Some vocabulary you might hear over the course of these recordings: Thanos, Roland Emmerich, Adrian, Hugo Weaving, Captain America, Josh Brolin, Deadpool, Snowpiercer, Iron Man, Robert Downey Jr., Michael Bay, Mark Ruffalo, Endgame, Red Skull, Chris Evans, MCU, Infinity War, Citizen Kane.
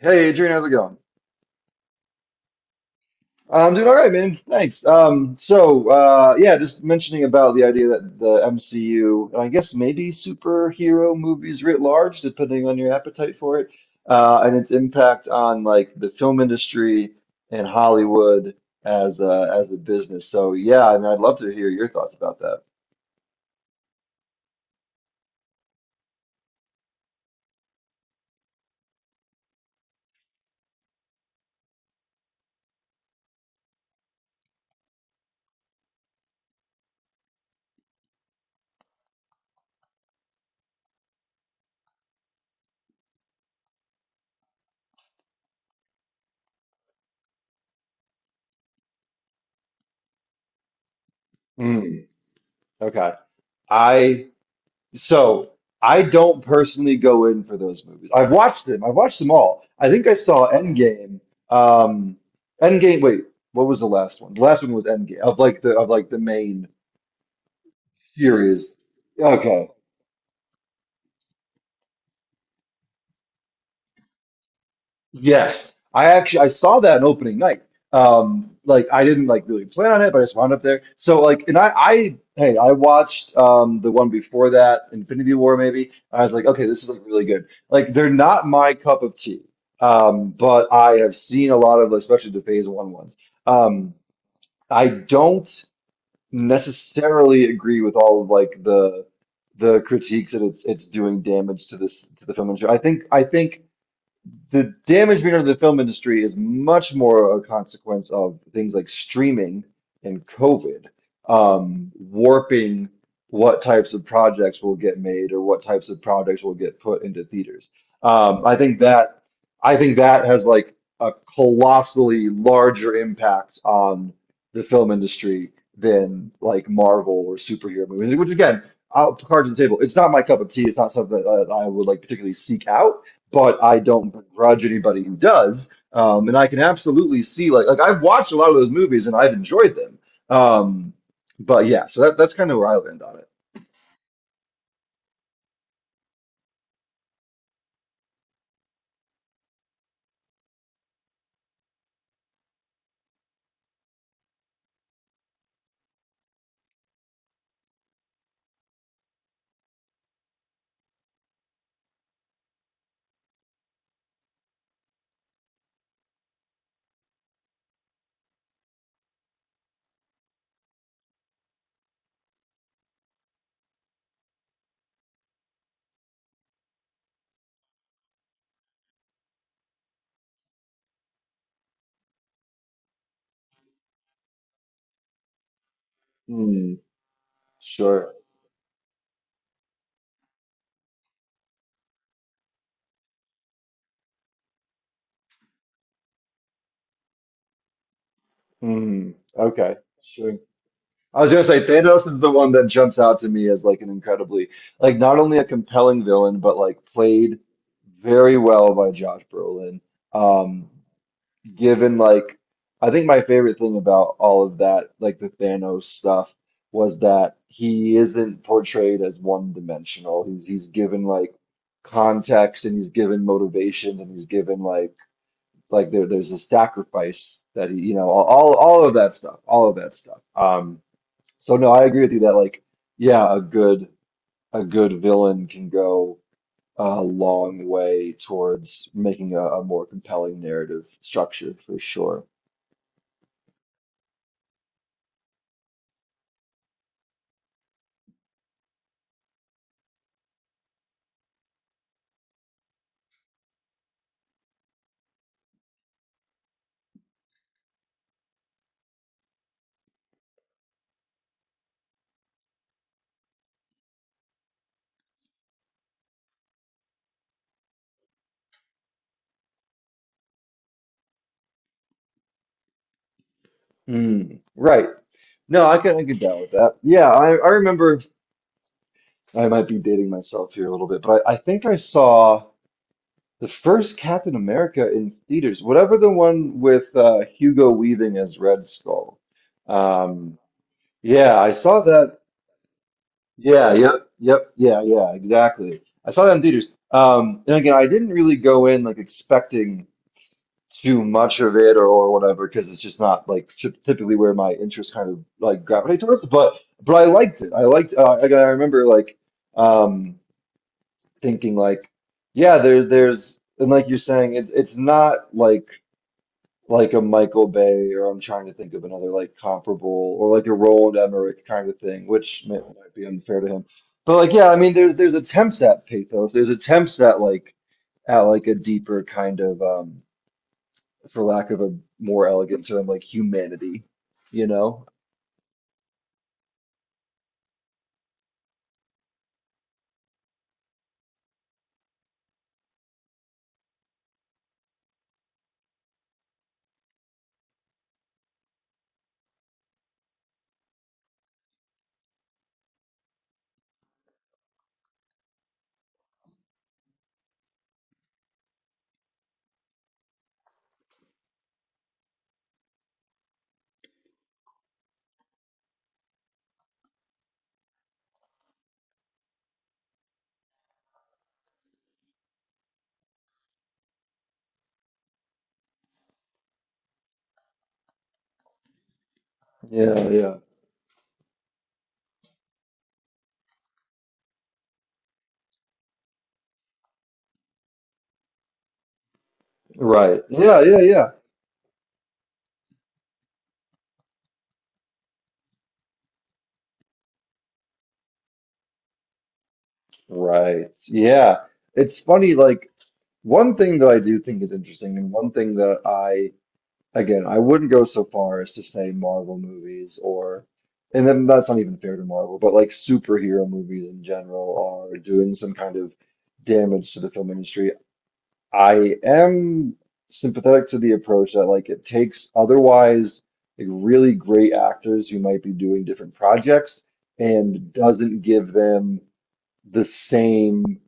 Hey Adrian, how's it going? I'm doing all right, man. Thanks. Yeah, just mentioning about the idea that the MCU, and I guess maybe superhero movies writ large, depending on your appetite for it, and its impact on like the film industry and Hollywood as as a business. So yeah, I mean, I'd love to hear your thoughts about that. Hmm. Okay. I So I don't personally go in for those movies. I've watched them. I've watched them all. I think I saw Endgame. Um, Endgame. Wait, what was the last one? The last one was Endgame of like the main series. Okay. Yes, I actually I saw that in opening night. Like I didn't like really plan on it, but I just wound up there. So like, and I hey, I watched the one before that, Infinity War maybe. I was like, okay, this is like really good. Like they're not my cup of tea. But I have seen a lot of, especially the Phase One ones. Um, I don't necessarily agree with all of like the critiques that it's doing damage to this to the film industry. I think the damage being done to the film industry is much more a consequence of things like streaming and COVID, warping what types of projects will get made or what types of projects will get put into theaters. Um, I think that I think that has like a colossally larger impact on the film industry than like Marvel or superhero movies, which again, out cards on the table. It's not my cup of tea. It's not something that I would like particularly seek out but I don't begrudge anybody who does. And I can absolutely see like I've watched a lot of those movies and I've enjoyed them. Um, but yeah, so that's kind of where I land on it. Hmm. Sure. Hmm. Okay. Sure. I was gonna say Thanos is the one that jumps out to me as like an incredibly like not only a compelling villain but like played very well by Josh Brolin. Um, Given like I think my favorite thing about all of that, like the Thanos stuff, was that he isn't portrayed as one-dimensional. He's given like context and he's given motivation and he's given like like there's a sacrifice that he you know all of that stuff, all of that stuff. So no, I agree with you that like yeah, a good villain can go a long way towards making a more compelling narrative structure for sure. Mm, right. No, I can down with that. Yeah, I remember I might be dating myself here a little bit, but I think I saw the first Captain America in theaters, whatever the one with Hugo Weaving as Red Skull. Um, yeah, I saw that. Yeah, yep, yep, yeah, yeah, exactly. I saw that in theaters. And again, I didn't really go in like expecting too much of it or whatever because it's just not like typically where my interests kind of like gravitate towards but I liked it I liked like I remember like um thinking like yeah there's and like you're saying it's not like like a Michael Bay or I'm trying to think of another like comparable or like a Roland Emmerich kind of thing which might be unfair to him but like yeah I mean there's attempts at pathos there's attempts at like a deeper kind of for lack of a more elegant term, like humanity, you know? Yeah, yeah. Right. Yeah, yeah, yeah. Right. Yeah. It's funny, like one thing that I do think is interesting, and one thing that again, I wouldn't go so far as to say Marvel movies and then that's not even fair to Marvel, but like superhero movies in general are doing some kind of damage to the film industry. I am sympathetic to the approach that like it takes otherwise like really great actors who might be doing different projects and doesn't give them the same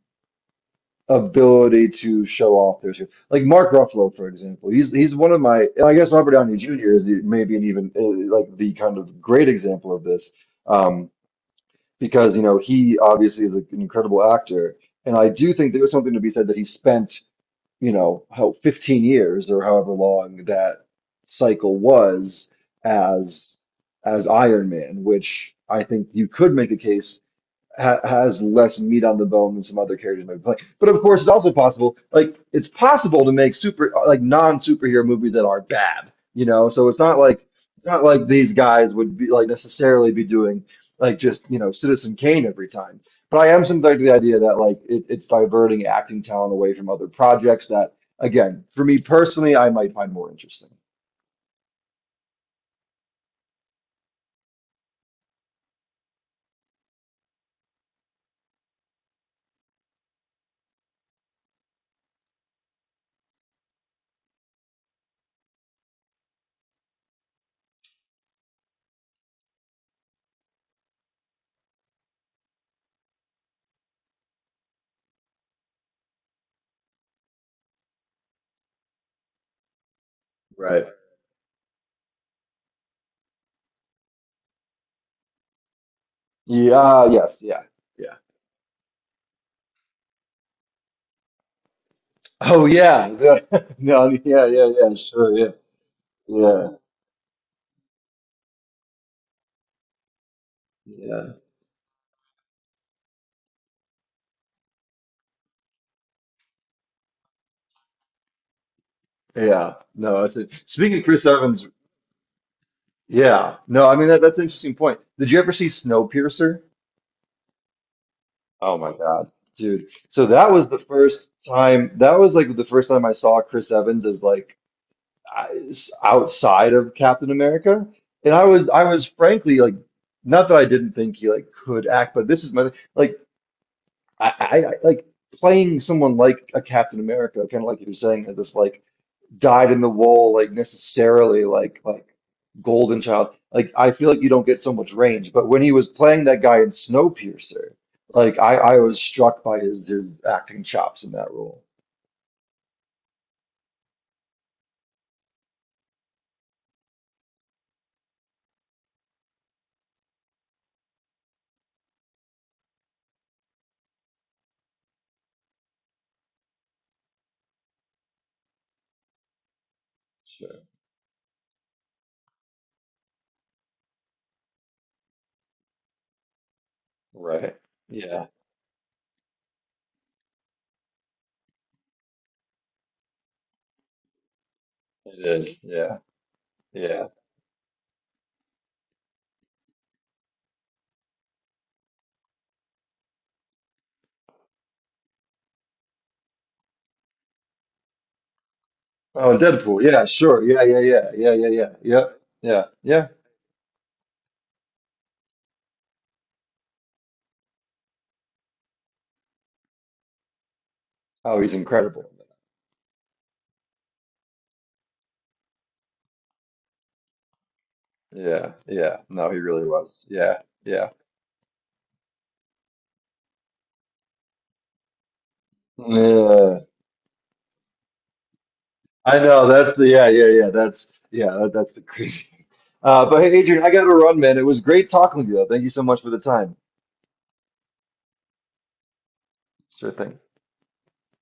ability to show off their skills. Like Mark Ruffalo, for example, he's one of my and I guess Robert Downey Jr. Maybe an even like the kind of great example of this um, because you know he obviously is an incredible actor and I do think there's something to be said that he spent you know, how 15 years or however long that cycle was as as Iron Man, which I think you could make a case ha has less meat on the bone than some other characters might be playing. But of course, it's also possible, like it's possible to make super like non-superhero movies that are bad, you know? So it's not like these guys would be like necessarily be doing like just, you know, Citizen Kane every time. But I am sympathetic to the idea that like it's diverting acting talent away from other projects that, again, for me personally, I might find more interesting. Right. Yeah, yes, yeah, yeah. Oh yeah. No, yeah, yeah, yeah, sure, yeah. Yeah. Yeah, yeah. No, I said. Speaking of Chris Evans, yeah. No, I mean that's an interesting point. Did you ever see Snowpiercer? Oh my God, dude. So that was the first time. That was like the first time I saw Chris Evans as like I- outside of Captain America, and I was frankly like not that I didn't think he like could act, but this is my like I like playing someone like a Captain America, kind of like you're saying, as this like dyed in the wool, like Golden Child. Like I feel like you don't get so much range, but when he was playing that guy in Snowpiercer, like I was struck by his acting chops in that role. Sure. Right. Yeah, it is. Yeah. Yeah. Oh, and Deadpool. Yeah, sure. Yeah, yeah, yeah. Yeah, yeah, yeah. Yep. Yeah. Yeah. Oh, he's incredible. Yeah. Yeah. No, he really was. Yeah. Yeah. Yeah. I know that's the yeah yeah yeah that's yeah that's the crazy. But hey, Adrian, I got to run, man. It was great talking with you. Thank you so much for the time. Sure thing.